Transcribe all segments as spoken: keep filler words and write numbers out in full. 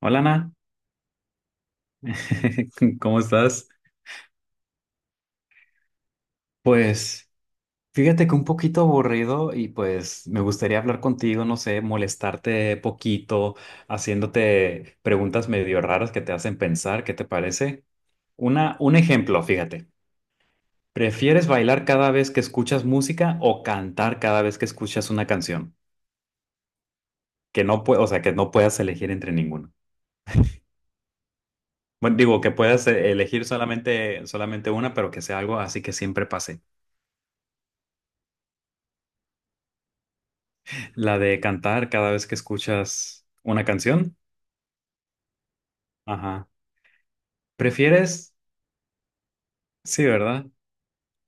Hola Ana, ¿cómo estás? Pues fíjate que un poquito aburrido y pues me gustaría hablar contigo, no sé, molestarte poquito, haciéndote preguntas medio raras que te hacen pensar, ¿qué te parece? Una, un ejemplo, fíjate. ¿Prefieres bailar cada vez que escuchas música o cantar cada vez que escuchas una canción? Que no pue- o sea, que no puedas elegir entre ninguno. Bueno, digo, que puedas eh, elegir solamente, solamente una, pero que sea algo así que siempre pase. La de cantar cada vez que escuchas una canción. Ajá. ¿Prefieres? Sí, ¿verdad?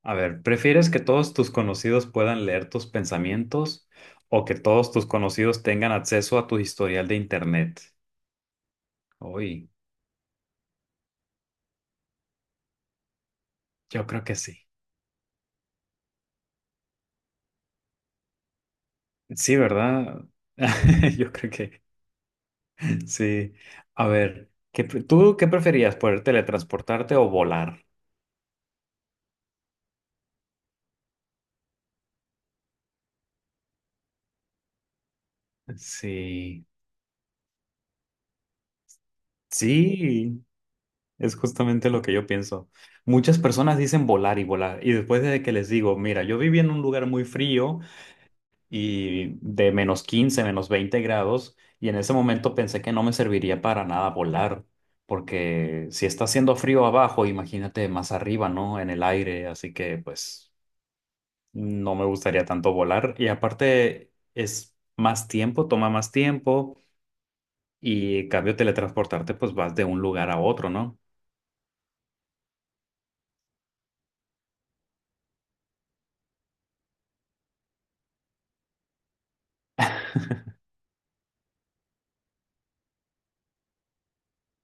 A ver, ¿prefieres que todos tus conocidos puedan leer tus pensamientos o que todos tus conocidos tengan acceso a tu historial de internet? Uy, yo creo que sí. Sí, ¿verdad? Yo creo que sí. A ver, ¿qué, pre- ¿tú qué preferías? ¿Poder teletransportarte o volar? Sí. Sí. Es justamente lo que yo pienso. Muchas personas dicen volar y volar, y después de que les digo, mira, yo viví en un lugar muy frío y de menos quince menos veinte grados, y en ese momento pensé que no me serviría para nada volar, porque si está haciendo frío abajo, imagínate más arriba, ¿no? En el aire, así que pues no me gustaría tanto volar, y aparte es más tiempo, toma más tiempo, y en cambio teletransportarte, pues vas de un lugar a otro, ¿no?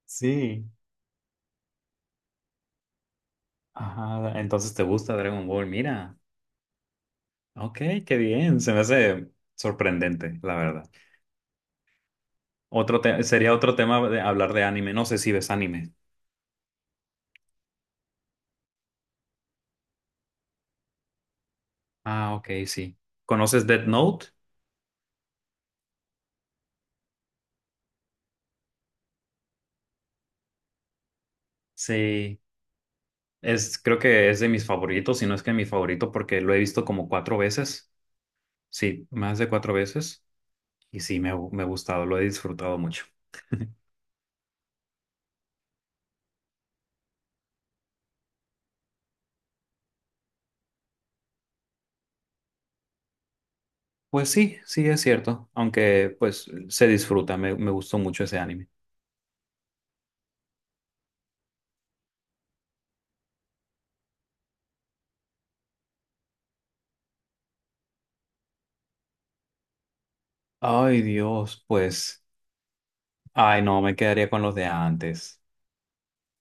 Sí. Ajá, entonces te gusta Dragon Ball, mira. Ok, qué bien, se me hace sorprendente, la verdad. Otro te- sería otro tema de hablar de anime, no sé si ves anime. Ah, ok, sí. ¿Conoces Death Note? Sí, es, creo que es de mis favoritos, si no es que mi favorito, porque lo he visto como cuatro veces, sí, más de cuatro veces, y sí, me, ha- me ha gustado, lo he disfrutado mucho. Pues sí, sí, es cierto, aunque pues se disfruta, me, me gustó mucho ese anime. Ay, Dios, pues. Ay, no, me quedaría con los de antes.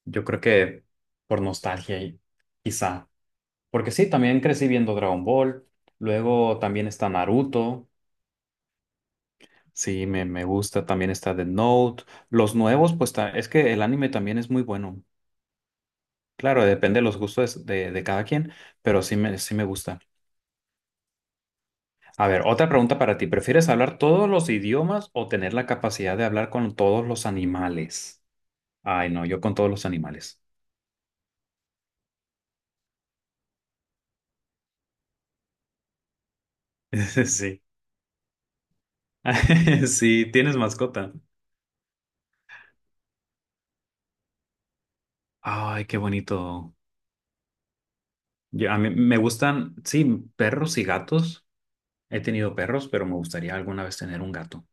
Yo creo que por nostalgia, y- quizá. Porque sí, también crecí viendo Dragon Ball. Luego también está Naruto. Sí, me, me gusta. También está The Note. Los nuevos, pues ta- Es que el anime también es muy bueno. Claro, depende de los gustos de, de cada quien, pero sí me, sí me gusta. A ver, otra pregunta para ti. ¿Prefieres hablar todos los idiomas o tener la capacidad de hablar con todos los animales? Ay, no, yo con todos los animales. Sí. Sí, tienes mascota. Ay, qué bonito. Yo- a mí me gustan, sí, perros y gatos. He tenido perros, pero me gustaría alguna vez tener un gato.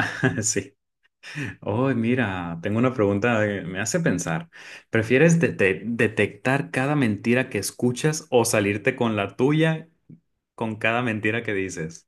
Sí. Oh, mira, tengo una pregunta que me hace pensar. ¿Prefieres dete- ¿detectar cada mentira que escuchas o salirte con la tuya con cada mentira que dices?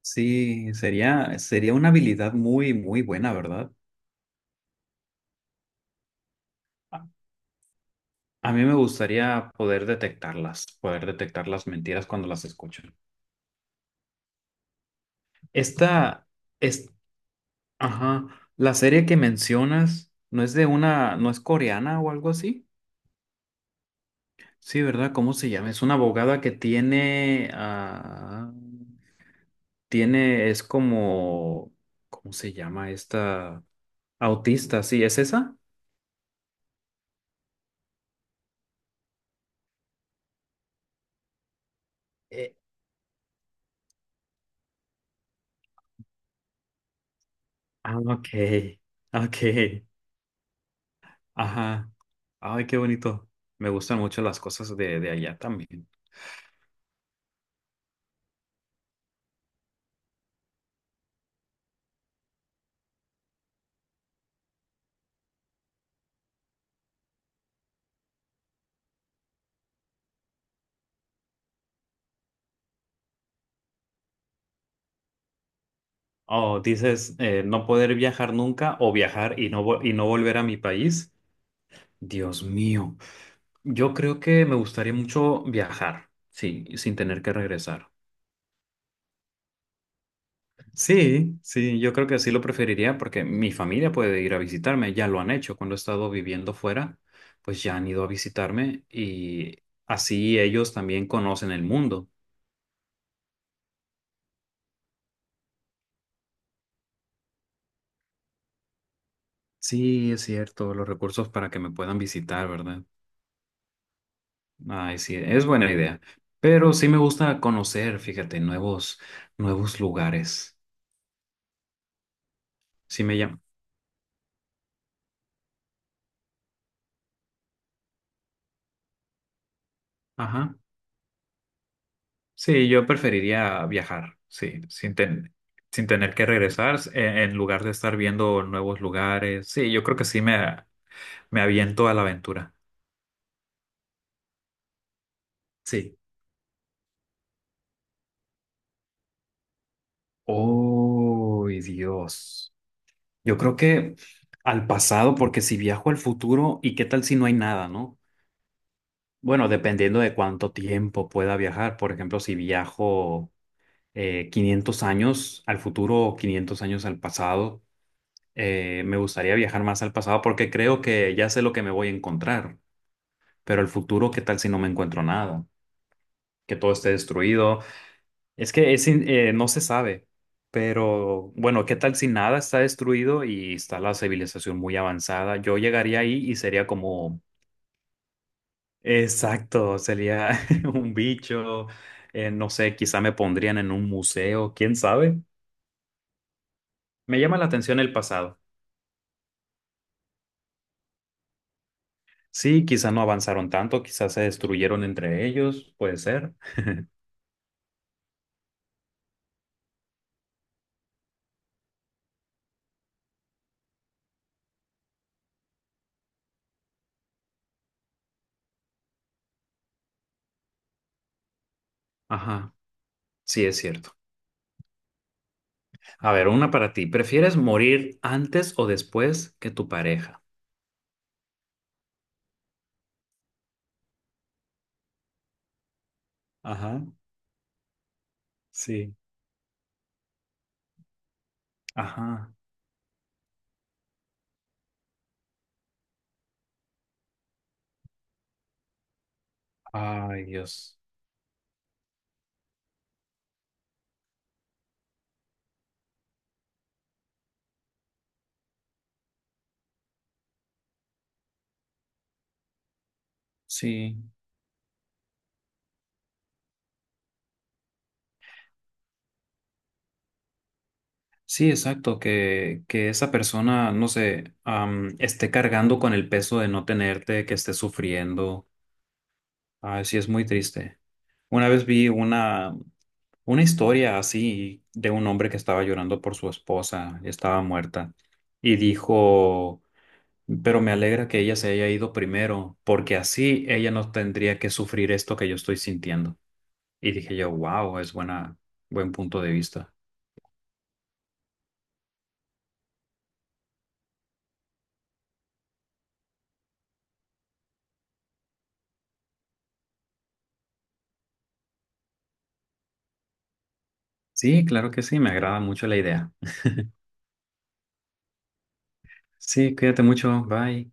Sí, sería, sería una habilidad muy, muy buena, ¿verdad? A a mí me gustaría poder detectarlas, poder detectar las mentiras cuando las escucho. Esta es, ajá, la serie que mencionas no es de una, no es coreana o algo así. Sí, ¿verdad? ¿Cómo se llama? Es una abogada que tiene, ah, tiene, es como, ¿cómo se llama esta? Autista, sí, ¿es esa? Eh, ah, ok, ok, ajá. Ay, qué bonito. Me gustan mucho las cosas de, de allá también. Oh, dices, eh, no poder viajar nunca o viajar y no, vo- y no volver a mi país. Dios mío, yo creo que me gustaría mucho viajar, sí, sin tener que regresar. Sí, sí, yo creo que así lo preferiría porque mi familia puede ir a visitarme, ya lo han hecho cuando he estado viviendo fuera, pues ya han ido a visitarme y así ellos también conocen el mundo. Sí, es cierto, los recursos para que me puedan visitar, ¿verdad? Ay, sí, es buena idea, pero sí me gusta conocer, fíjate, nuevos, nuevos lugares. Sí me llama. Ajá. Sí, yo preferiría viajar, sí, sin, ten- sin tener que regresar, eh, en lugar de estar viendo nuevos lugares. Sí, yo creo que sí me, me aviento a la aventura. Sí. ¡Oh, Dios! Yo creo que al pasado, porque si viajo al futuro, ¿y qué tal si no hay nada, no? Bueno, dependiendo de cuánto tiempo pueda viajar. Por ejemplo, si viajo eh, quinientos años al futuro o quinientos años al pasado, eh, me gustaría viajar más al pasado porque creo que ya sé lo que me voy a encontrar, pero el futuro, ¿qué tal si no me encuentro nada? Que todo esté destruido. Es que es in- eh, No se sabe, pero bueno, ¿qué tal si nada está destruido y está la civilización muy avanzada? Yo llegaría ahí y sería como, exacto, sería un bicho, eh, no sé, quizá me pondrían en un museo, quién sabe. Me llama la atención el pasado. Sí, quizá no avanzaron tanto, quizás se destruyeron entre ellos, puede ser. Ajá, sí es cierto. A ver, una para ti. ¿Prefieres morir antes o después que tu pareja? Ajá, sí. Ajá. Ay, Dios. Sí, sí, exacto. Que, que esa persona, no sé, am, esté cargando con el peso de no tenerte, que esté sufriendo. Ay, sí, es muy triste. Una vez vi una, una historia así de un hombre que estaba llorando por su esposa, estaba muerta, y dijo. Pero me alegra que ella se haya ido primero, porque así ella no tendría que sufrir esto que yo estoy sintiendo. Y dije yo, wow, es buena, buen punto de vista. Sí, claro que sí, me agrada mucho la idea. Sí, cuídate mucho, bye.